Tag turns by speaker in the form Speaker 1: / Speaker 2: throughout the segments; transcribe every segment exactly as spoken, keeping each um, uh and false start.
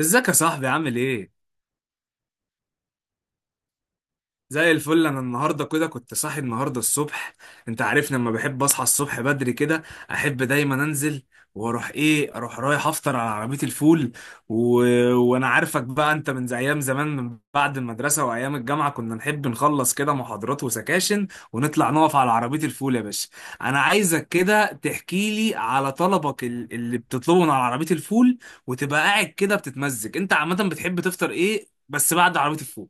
Speaker 1: ازيك يا صاحبي عامل ايه؟ زي الفل، انا النهارده كده كنت صاحي النهارده الصبح. انت عارفني لما بحب اصحى الصبح بدري كده، احب دايما انزل واروح ايه اروح رايح افطر على عربيه الفول و... وانا عارفك بقى انت من زي ايام زمان، من بعد المدرسه وايام الجامعه كنا نحب نخلص كده محاضرات وسكاشن ونطلع نقف على عربيه الفول يا باشا. انا عايزك كده تحكي لي على طلبك ال- اللي بتطلبه من على عربيه الفول، وتبقى قاعد كده بتتمزج. انت عامه بتحب تفطر ايه بس بعد عربيه الفول؟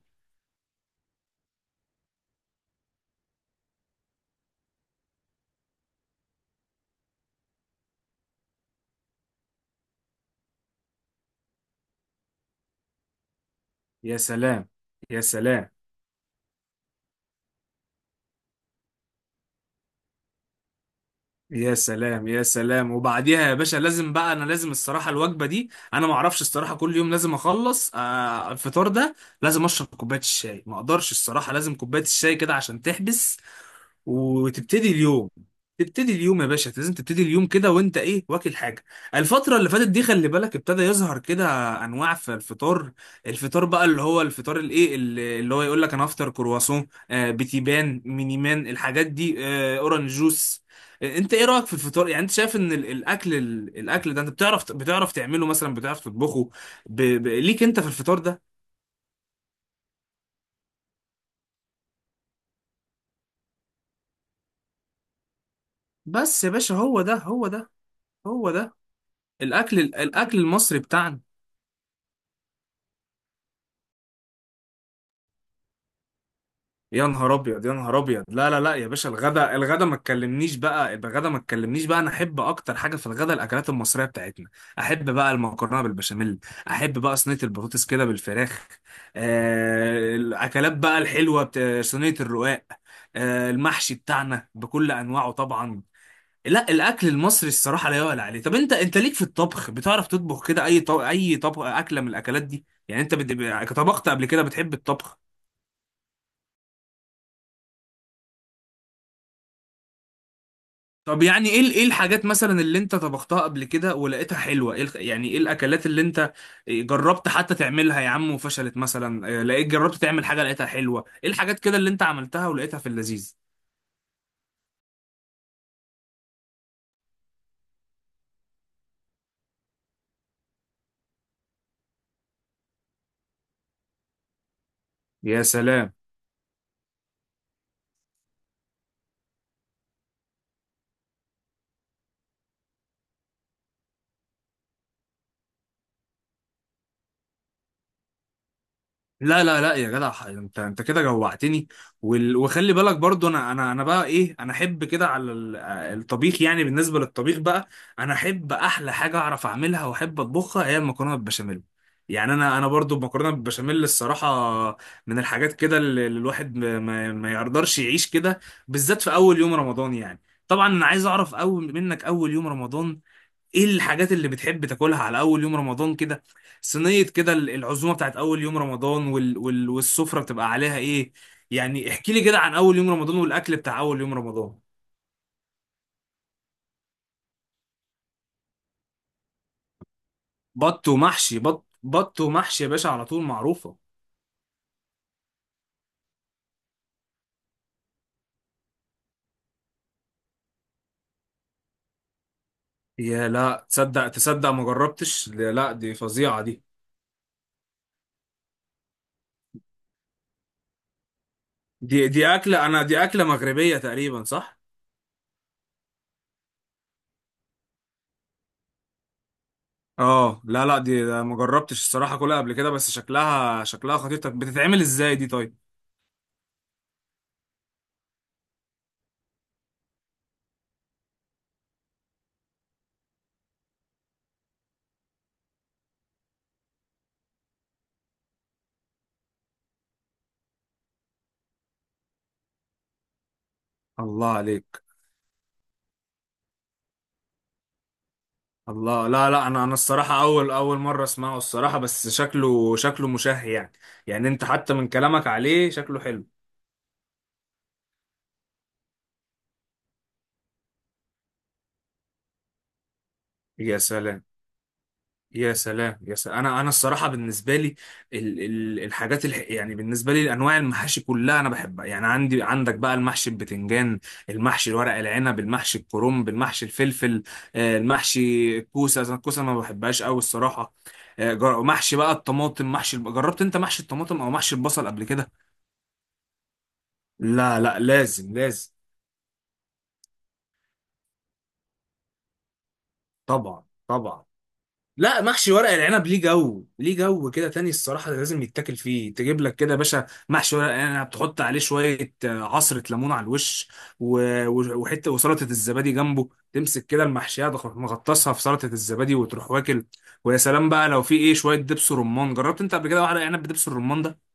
Speaker 1: يا سلام، يا سلام. يا سلام، يا سلام. وبعديها يا باشا لازم، بقى انا لازم الصراحه الوجبه دي، انا ما اعرفش الصراحه، كل يوم لازم اخلص آه الفطار ده. لازم اشرب كوبايه الشاي، ما اقدرش الصراحه، لازم كوبايه الشاي كده عشان تحبس وتبتدي اليوم. تبتدي اليوم يا باشا، لازم تبتدي اليوم كده، وانت ايه واكل حاجه. الفتره اللي فاتت دي خلي بالك ابتدى يظهر كده انواع في الفطار. الفطار بقى اللي هو الفطار الايه اللي اللي هو يقول لك انا افطر كرواسون، آه بتيبان مينيمان الحاجات دي، آه اورنج جوس. آه، انت ايه رايك في الفطار؟ يعني انت شايف ان ال- الاكل ال- الاكل ده انت بتعرف، بتعرف تعمله مثلا، بتعرف تطبخه؟ ب... ب... ليك انت في الفطار ده؟ بس يا باشا هو ده، هو ده، هو ده الاكل الاكل المصري بتاعنا. يا نهار ابيض يا نهار ابيض، لا لا لا يا باشا، الغدا الغدا ما تكلمنيش بقى، يبقى الغدا ما تكلمنيش بقى، انا احب اكتر حاجه في الغدا الاكلات المصريه بتاعتنا. احب بقى المكرونه بالبشاميل، احب بقى صينيه البطاطس كده بالفراخ، آه الاكلات بقى الحلوه بتا... صينيه الرقاق، آه المحشي بتاعنا بكل انواعه طبعا. لا الاكل المصري الصراحه لا يعلى عليه. طب انت انت ليك في الطبخ؟ بتعرف تطبخ كده اي طب... اي طبخ اكله من الاكلات دي؟ يعني انت بت... طبخت قبل كده؟ بتحب الطبخ؟ طب يعني ايه ال- ايه الحاجات مثلا اللي انت طبختها قبل كده ولقيتها حلوه؟ ايه الخ- يعني ايه الاكلات اللي انت جربت حتى تعملها يا عم وفشلت مثلا؟ آه، لقيت جربت تعمل حاجه لقيتها حلوه؟ ايه الحاجات كده اللي انت عملتها ولقيتها في اللذيذ؟ يا سلام. لا لا لا يا جدع، ح- انت انت كده جوعتني. وال- وخلي بالك برضو انا انا انا بقى ايه، انا احب كده على ال- آه، الطبيخ، يعني بالنسبه للطبيخ بقى انا احب احلى حاجه اعرف اعملها واحب اطبخها هي المكرونه بالبشاميل. يعني انا انا برضو المكرونه بالبشاميل الصراحه من الحاجات كده اللي اللي الواحد ما, ما ما يقدرش يعيش كده، بالذات في اول يوم رمضان يعني. طبعا انا عايز اعرف اول منك، اول يوم رمضان ايه الحاجات اللي بتحب تاكلها على اول يوم رمضان كده؟ صينية كده ال- العزومة بتاعت اول يوم رمضان، وال... وال... والسفرة بتبقى عليها ايه؟ يعني احكي لي كده عن اول يوم رمضان والاكل بتاع اول يوم رمضان. بط ومحشي، بط بط ومحشي يا باشا على طول معروفة. يا لا تصدق تصدق ما جربتش، لا لا، دي فظيعة دي. دي دي اكلة، انا دي اكلة مغربية تقريبا صح؟ اه لا لا دي ده ما جربتش الصراحة كلها قبل كده، بس شكلها شكلها خطير. طب بتتعمل ازاي دي طيب؟ الله عليك. الله، لا لا انا انا الصراحه اول اول مره اسمعه الصراحه، بس شكله شكله مشهي يعني. يعني انت حتى من كلامك عليه شكله حلو. يا سلام. يا سلام، يا سلام. انا انا الصراحه بالنسبه لي ال ال الحاجات الح يعني بالنسبه لي انواع المحاشي كلها انا بحبها، يعني عندي عندك بقى المحشي البتنجان، المحشي الورق العنب، المحشي الكرنب، المحشي الفلفل، آه، المحشي الكوسه. أنا الكوسه ما بحبهاش قوي الصراحه. آه، جر- محشي بقى الطماطم، محشي الب- جربت انت محشي الطماطم او محشي البصل قبل كده؟ لا لا لازم لازم. طبعا طبعا. لا محشي ورق العنب ليه جو، ليه جو كده تاني الصراحة، لازم يتاكل. فيه تجيب لك كده يا باشا محشي ورق العنب، تحط عليه شوية آه، عصرة ليمون على الوش، و- و- وحتة وسلطة الزبادي جنبه، تمسك كده المحشية تخ- مغطسها في سلطة الزبادي وتروح واكل. ويا سلام بقى لو في ايه شوية دبس رمان. جربت انت قبل كده واحدة عنب بدبس الرمان ده؟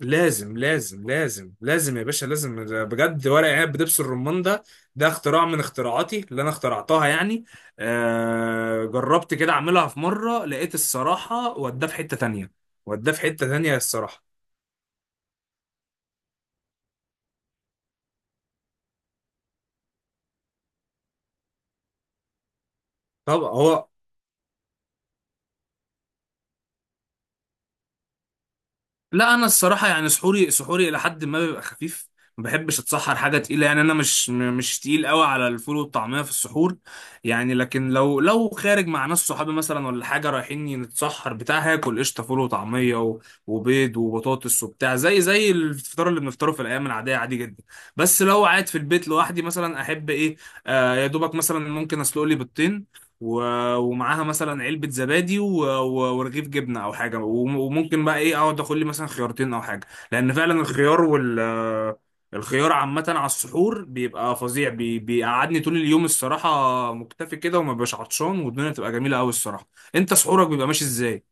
Speaker 1: لازم لازم لازم لازم يا باشا لازم، ده بجد ورق عنب بدبس الرمان ده، ده اختراع من اختراعاتي اللي انا اخترعتها يعني. آه جربت كده اعملها في مره لقيت الصراحه وداه في حته تانية، وداه في حته تانية الصراحه. طب هو، لا انا الصراحه يعني سحوري، سحوري الى حد ما بيبقى خفيف، ما بحبش اتسحر حاجه تقيله. يعني انا مش م- مش تقيل قوي على الفول والطعميه في السحور. يعني لكن لو لو خارج مع ناس صحابي مثلا، ولا حاجه رايحين نتسحر بتاع، هاكل قشطه فول وطعميه و- وبيض وبطاطس وبتاع، زي زي الفطار اللي بنفطره في الايام العاديه عادي جدا. بس لو قاعد في البيت لوحدي مثلا احب ايه؟ آه يا دوبك مثلا ممكن اسلق لي بيضتين و- ومعاها مثلا علبة زبادي و- و- ورغيف جبنة أو حاجة، وم- وممكن بقى إيه، أقعد آكل لي مثلا خيارتين أو حاجة، لأن فعلا الخيار وال الخيار عامة على السحور بيبقى فظيع، بي... بيقعدني طول اليوم الصراحة مكتفي كده وما بقاش عطشان، والدنيا تبقى جميلة أوي الصراحة. أنت سحورك بيبقى ماشي إزاي؟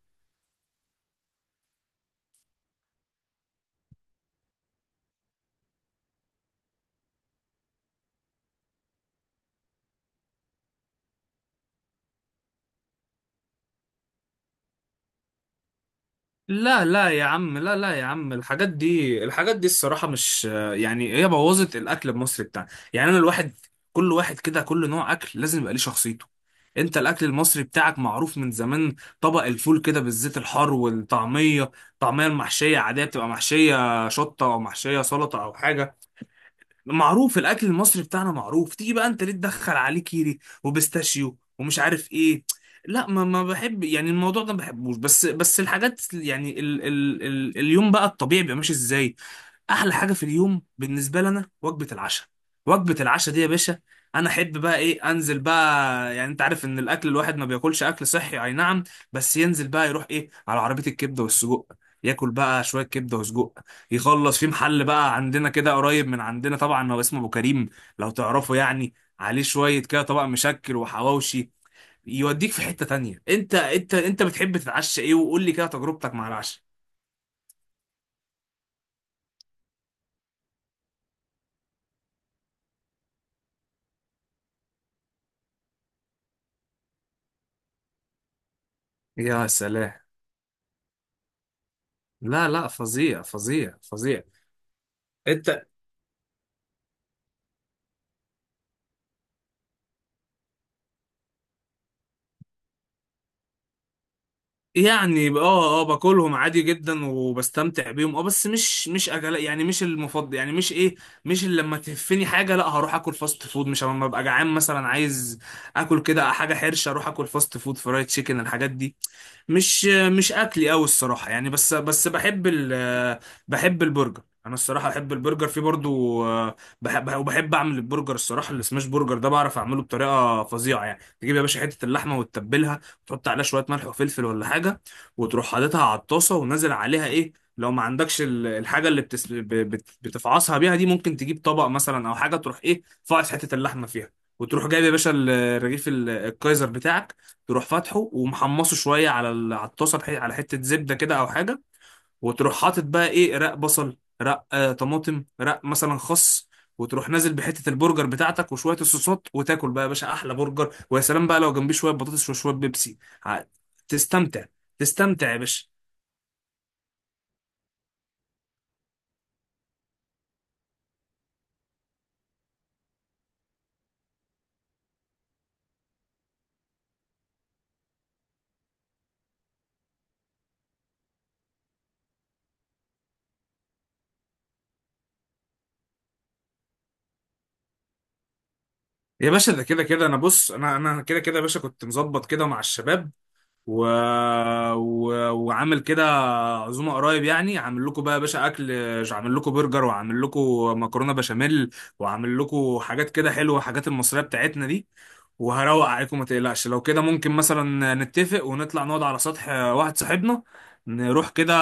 Speaker 1: لا لا يا عم، لا لا يا عم، الحاجات دي، الحاجات دي الصراحة مش، يعني هي بوظت الأكل المصري بتاعنا. يعني أنا الواحد، كل واحد كده كل نوع أكل لازم يبقى ليه شخصيته. أنت الأكل المصري بتاعك معروف من زمان، طبق الفول كده بالزيت الحار، والطعمية، الطعمية المحشية عادية بتبقى محشية شطة أو محشية سلطة أو حاجة. معروف الاكل المصري بتاعنا معروف، تيجي بقى انت ليه تدخل عليه كيري وبيستاشيو ومش عارف ايه؟ لا ما ما بحب، يعني الموضوع ده ما بحبوش. بس بس الحاجات يعني ال ال ال اليوم بقى الطبيعي بيبقى ماشي ازاي. احلى حاجه في اليوم بالنسبه لنا وجبه العشاء. وجبه العشاء دي يا باشا، انا احب بقى ايه انزل بقى. يعني انت عارف ان الاكل، الواحد ما بياكلش اكل صحي اي نعم، بس ينزل بقى يروح ايه على عربيه الكبده والسجق، ياكل بقى شويه كبده وسجق، يخلص في محل بقى عندنا، كده قريب من عندنا طبعا، هو اسمه ابو كريم لو تعرفه يعني، عليه شويه كده طبق مشكل وحواوشي يوديك في حته تانية. انت، انت انت بتحب تتعشى ايه؟ وقول لي كده تجربتك مع العشاء. يا سلام، لا لا فظيع فظيع فظيع. انت، يعني اه اه باكلهم عادي جدا وبستمتع بيهم، اه بس مش مش اكل، يعني مش المفضل، يعني مش ايه، مش اللي لما تهفني حاجه لا هروح اكل فاست فود، مش لما ابقى جعان مثلا عايز اكل كده حاجه حرشه اروح اكل فاست فود فرايد تشيكن الحاجات دي. مش مش اكلي قوي الصراحه يعني، بس بس بحب ال، بحب البرجر، انا الصراحه بحب البرجر في برضو، آه، بحب وبحب اعمل البرجر. الصراحه السماش برجر ده بعرف اعمله بطريقه فظيعه. يعني تجيب يا باشا حته اللحمه وتتبلها، تحط عليها شويه ملح وفلفل ولا حاجه، وتروح حاططها على الطاسه ونازل عليها ايه لو ما عندكش ال- الحاجه اللي بتس... ب- بت- بتفعصها بيها دي، ممكن تجيب طبق مثلا او حاجه تروح ايه فاعص حته اللحمه فيها. وتروح جايب يا باشا ال- رغيف ال- الكايزر بتاعك، تروح فاتحه ومحمصه شويه على ال- على الطاسه بحي... على حته زبده كده او حاجه. وتروح حاطط بقى ايه رق بصل، رق آه طماطم، رق مثلا خس، وتروح نازل بحته البرجر بتاعتك وشويه الصوصات وتاكل بقى يا باشا احلى برجر. ويا سلام بقى لو جنبيه شويه بطاطس وشويه بيبسي. ع- تستمتع، تستمتع يا باشا. يا باشا ده كده كده انا بص، انا انا كده كده يا باشا كنت مظبط كده مع الشباب و... و... وعامل كده عزومه قريب، يعني عامل لكم بقى يا باشا اكل، عامل لكم برجر وعامل لكم مكرونه بشاميل وعامل لكم حاجات كده حلوه، حاجات المصريه بتاعتنا دي، وهروق عليكم ما تقلقش. لو كده ممكن مثلا نتفق ونطلع نقعد على سطح واحد صاحبنا، نروح كده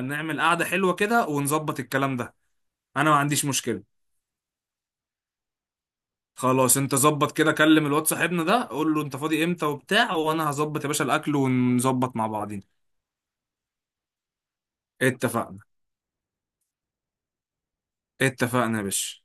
Speaker 1: نعمل قعده حلوه كده ونظبط الكلام ده. انا ما عنديش مشكله. خلاص انت ظبط كده، كلم الواد صاحبنا ده، قول له انت فاضي امتى وبتاع، وانا هظبط يا باشا الاكل ونظبط مع بعضين. اتفقنا، اتفقنا يا باشا.